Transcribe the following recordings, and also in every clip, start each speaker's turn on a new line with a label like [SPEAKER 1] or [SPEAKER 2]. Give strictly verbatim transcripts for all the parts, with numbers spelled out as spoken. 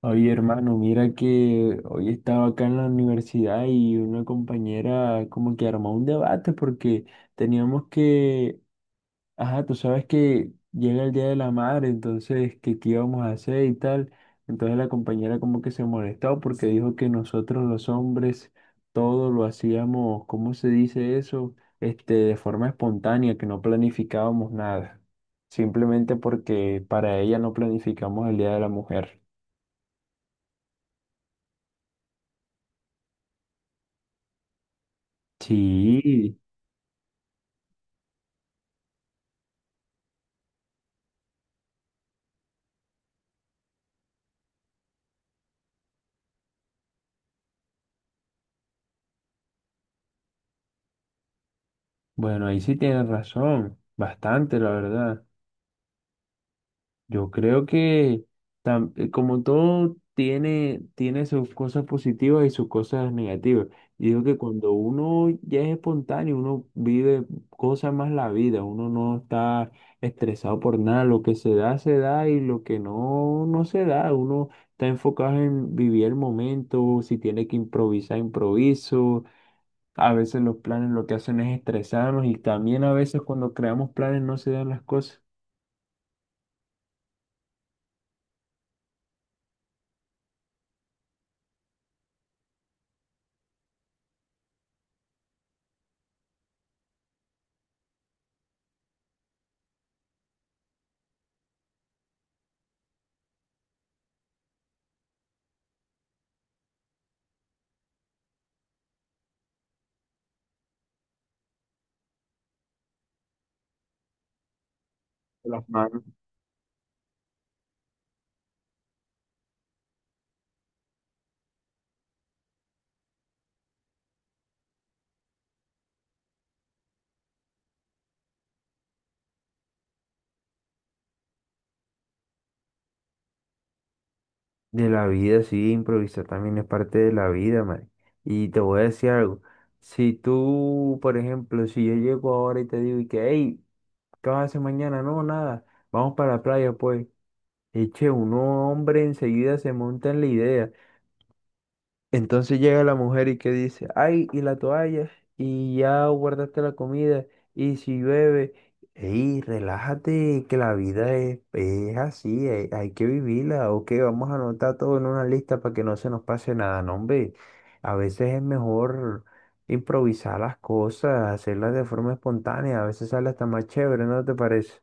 [SPEAKER 1] Oye, hermano, mira que hoy estaba acá en la universidad y una compañera como que armó un debate porque teníamos que, ajá, tú sabes que llega el Día de la Madre, entonces, que qué íbamos a hacer y tal. Entonces la compañera como que se molestó porque dijo que nosotros los hombres todo lo hacíamos, ¿cómo se dice eso? Este, de forma espontánea, que no planificábamos nada, simplemente porque para ella no planificamos el Día de la Mujer. Sí, bueno, ahí sí tienes razón, bastante, la verdad. Yo creo que tam- eh, como todo tiene, tiene sus cosas positivas y sus cosas negativas. Y digo que cuando uno ya es espontáneo, uno vive cosas más la vida, uno no está estresado por nada, lo que se da, se da y lo que no, no se da, uno está enfocado en vivir el momento, si tiene que improvisar, improviso. A veces los planes lo que hacen es estresarnos y también a veces cuando creamos planes no se dan las cosas de las manos. De la vida, sí, improvisar también es parte de la vida, man. Y te voy a decir algo. Si tú, por ejemplo, si yo llego ahora y te digo, y que, hey, ¿qué vas a hacer mañana? No, nada, vamos para la playa, pues. Eche, uno hombre enseguida se monta en la idea. Entonces llega la mujer y que dice, ay, y la toalla, y ya guardaste la comida, y si llueve, ey, relájate, que la vida es, es así, hay, hay que vivirla, ok, vamos a anotar todo en una lista para que no se nos pase nada, no, hombre, a veces es mejor improvisar las cosas, hacerlas de forma espontánea, a veces sale hasta más chévere, ¿no te parece?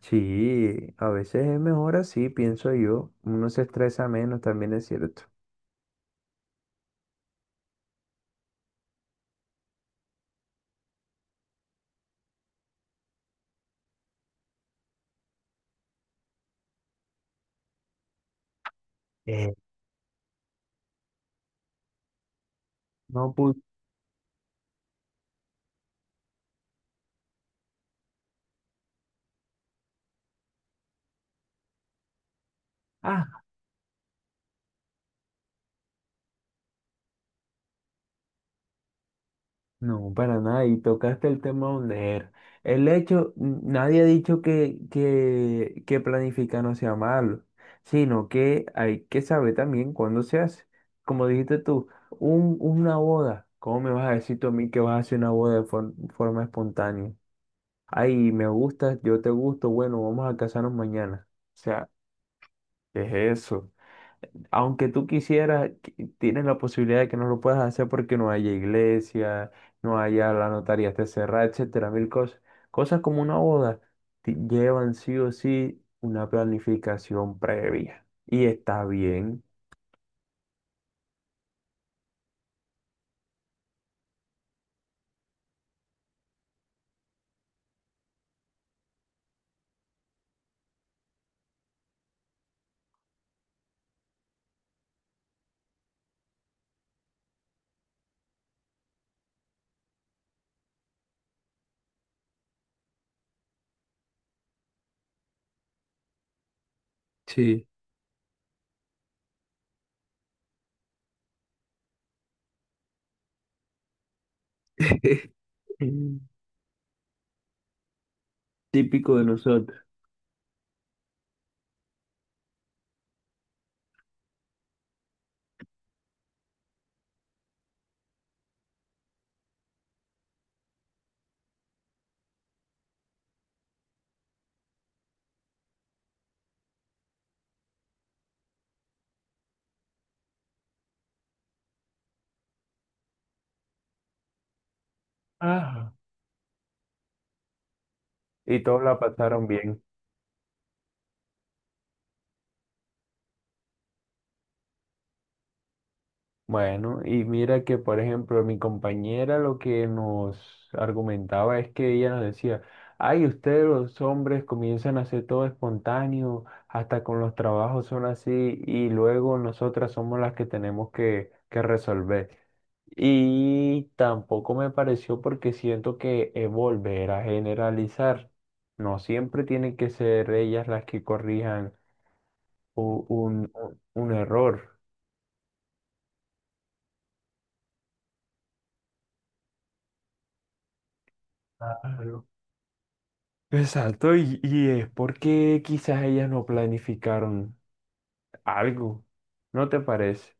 [SPEAKER 1] Sí, a veces es mejor así, pienso yo, uno se estresa menos, también es cierto. Eh, no, ah, no, para nada. Y tocaste el tema donde era. El hecho, n- nadie ha dicho que, que, que planificar no sea malo, sino que hay que saber también cuándo se hace. Como dijiste tú, un, una boda. ¿Cómo me vas a decir tú a mí que vas a hacer una boda de for- forma espontánea? Ay, me gustas, yo te gusto, bueno, vamos a casarnos mañana. O sea, ¿qué es eso? Aunque tú quisieras, qui- tienes la posibilidad de que no lo puedas hacer porque no haya iglesia, no haya la notaría esté cerrada, etcétera, mil cosas. Cosas como una boda ti- llevan sí o sí una planificación previa. Y está bien. Sí. Mm. Típico de nosotros. Ajá. Y todos la pasaron bien. Bueno, y mira que, por ejemplo, mi compañera lo que nos argumentaba es que ella nos decía, ay, ustedes los hombres comienzan a hacer todo espontáneo, hasta con los trabajos son así, y luego nosotras somos las que tenemos que, que resolver. Y tampoco me pareció porque siento que es volver a generalizar. No siempre tienen que ser ellas las que corrijan u- un, un, un error. Claro. Exacto, y, y es porque quizás ellas no planificaron algo, ¿no te parece?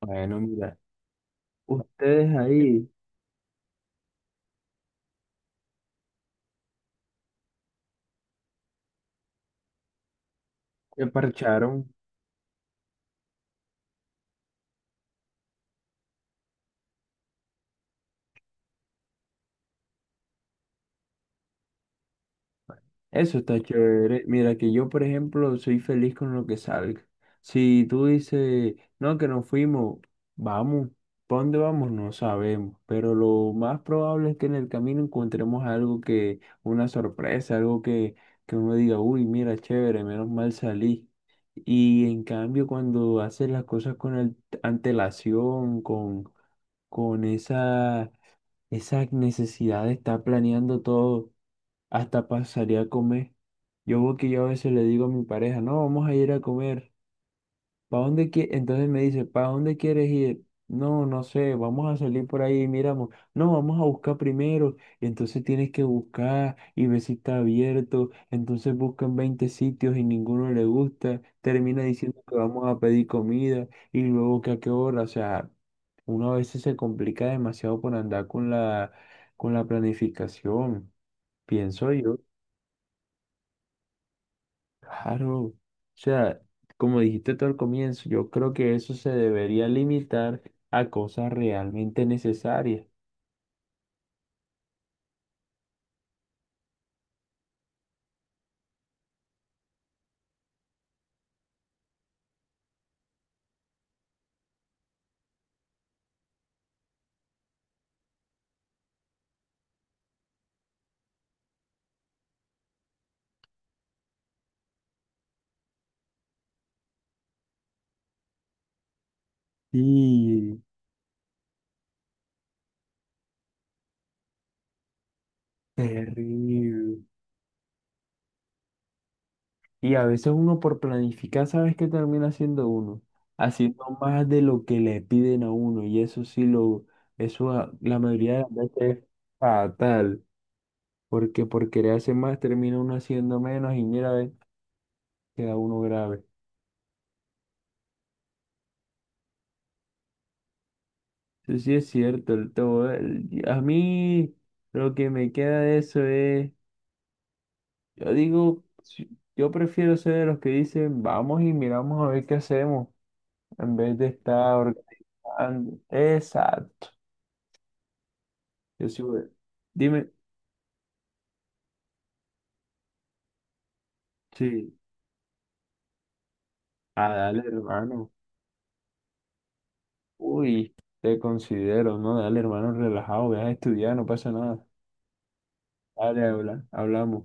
[SPEAKER 1] Bueno, mira, ustedes ahí se parcharon. Eso está chévere. Mira que yo, por ejemplo, soy feliz con lo que salga. Si tú dices, no, que nos fuimos, vamos. ¿Para dónde vamos? No sabemos. Pero lo más probable es que en el camino encontremos algo que, una sorpresa, algo que, que uno diga, uy, mira, chévere, menos mal salí. Y en cambio, cuando haces las cosas con el- antelación, con, con esa, esa necesidad de estar planeando todo hasta pasaría a comer. Yo veo que yo a veces le digo a mi pareja, no, vamos a ir a comer. ¿Para dónde quie-? Entonces me dice, ¿para dónde quieres ir? No, no sé, vamos a salir por ahí y miramos. No, vamos a buscar primero. Y entonces tienes que buscar y ver si está abierto. Entonces buscan veinte sitios y ninguno le gusta. Termina diciendo que vamos a pedir comida y luego que a qué hora. O sea, uno a veces se complica demasiado por andar con la, con la planificación, pienso yo. Claro, o sea, como dijiste tú al comienzo, yo creo que eso se debería limitar a cosas realmente necesarias. Y terrible. Y a veces uno por planificar, ¿sabes qué termina haciendo uno? Haciendo más de lo que le piden a uno. Y eso sí lo, eso a- la mayoría de las veces es fatal. Porque por querer hacer más termina uno haciendo menos y mira, ve, queda uno grave. Eso sí es cierto, el todo. El- a mí lo que me queda de eso es, yo digo, si- yo prefiero ser de los que dicen, vamos y miramos a ver qué hacemos, en vez de estar organizando. Exacto. Yo sí, voy. Dime, sí, a dale, hermano. Uy, te considero, no, dale, hermano, relajado, ve a estudiar, no pasa nada. Dale, habla, hablamos.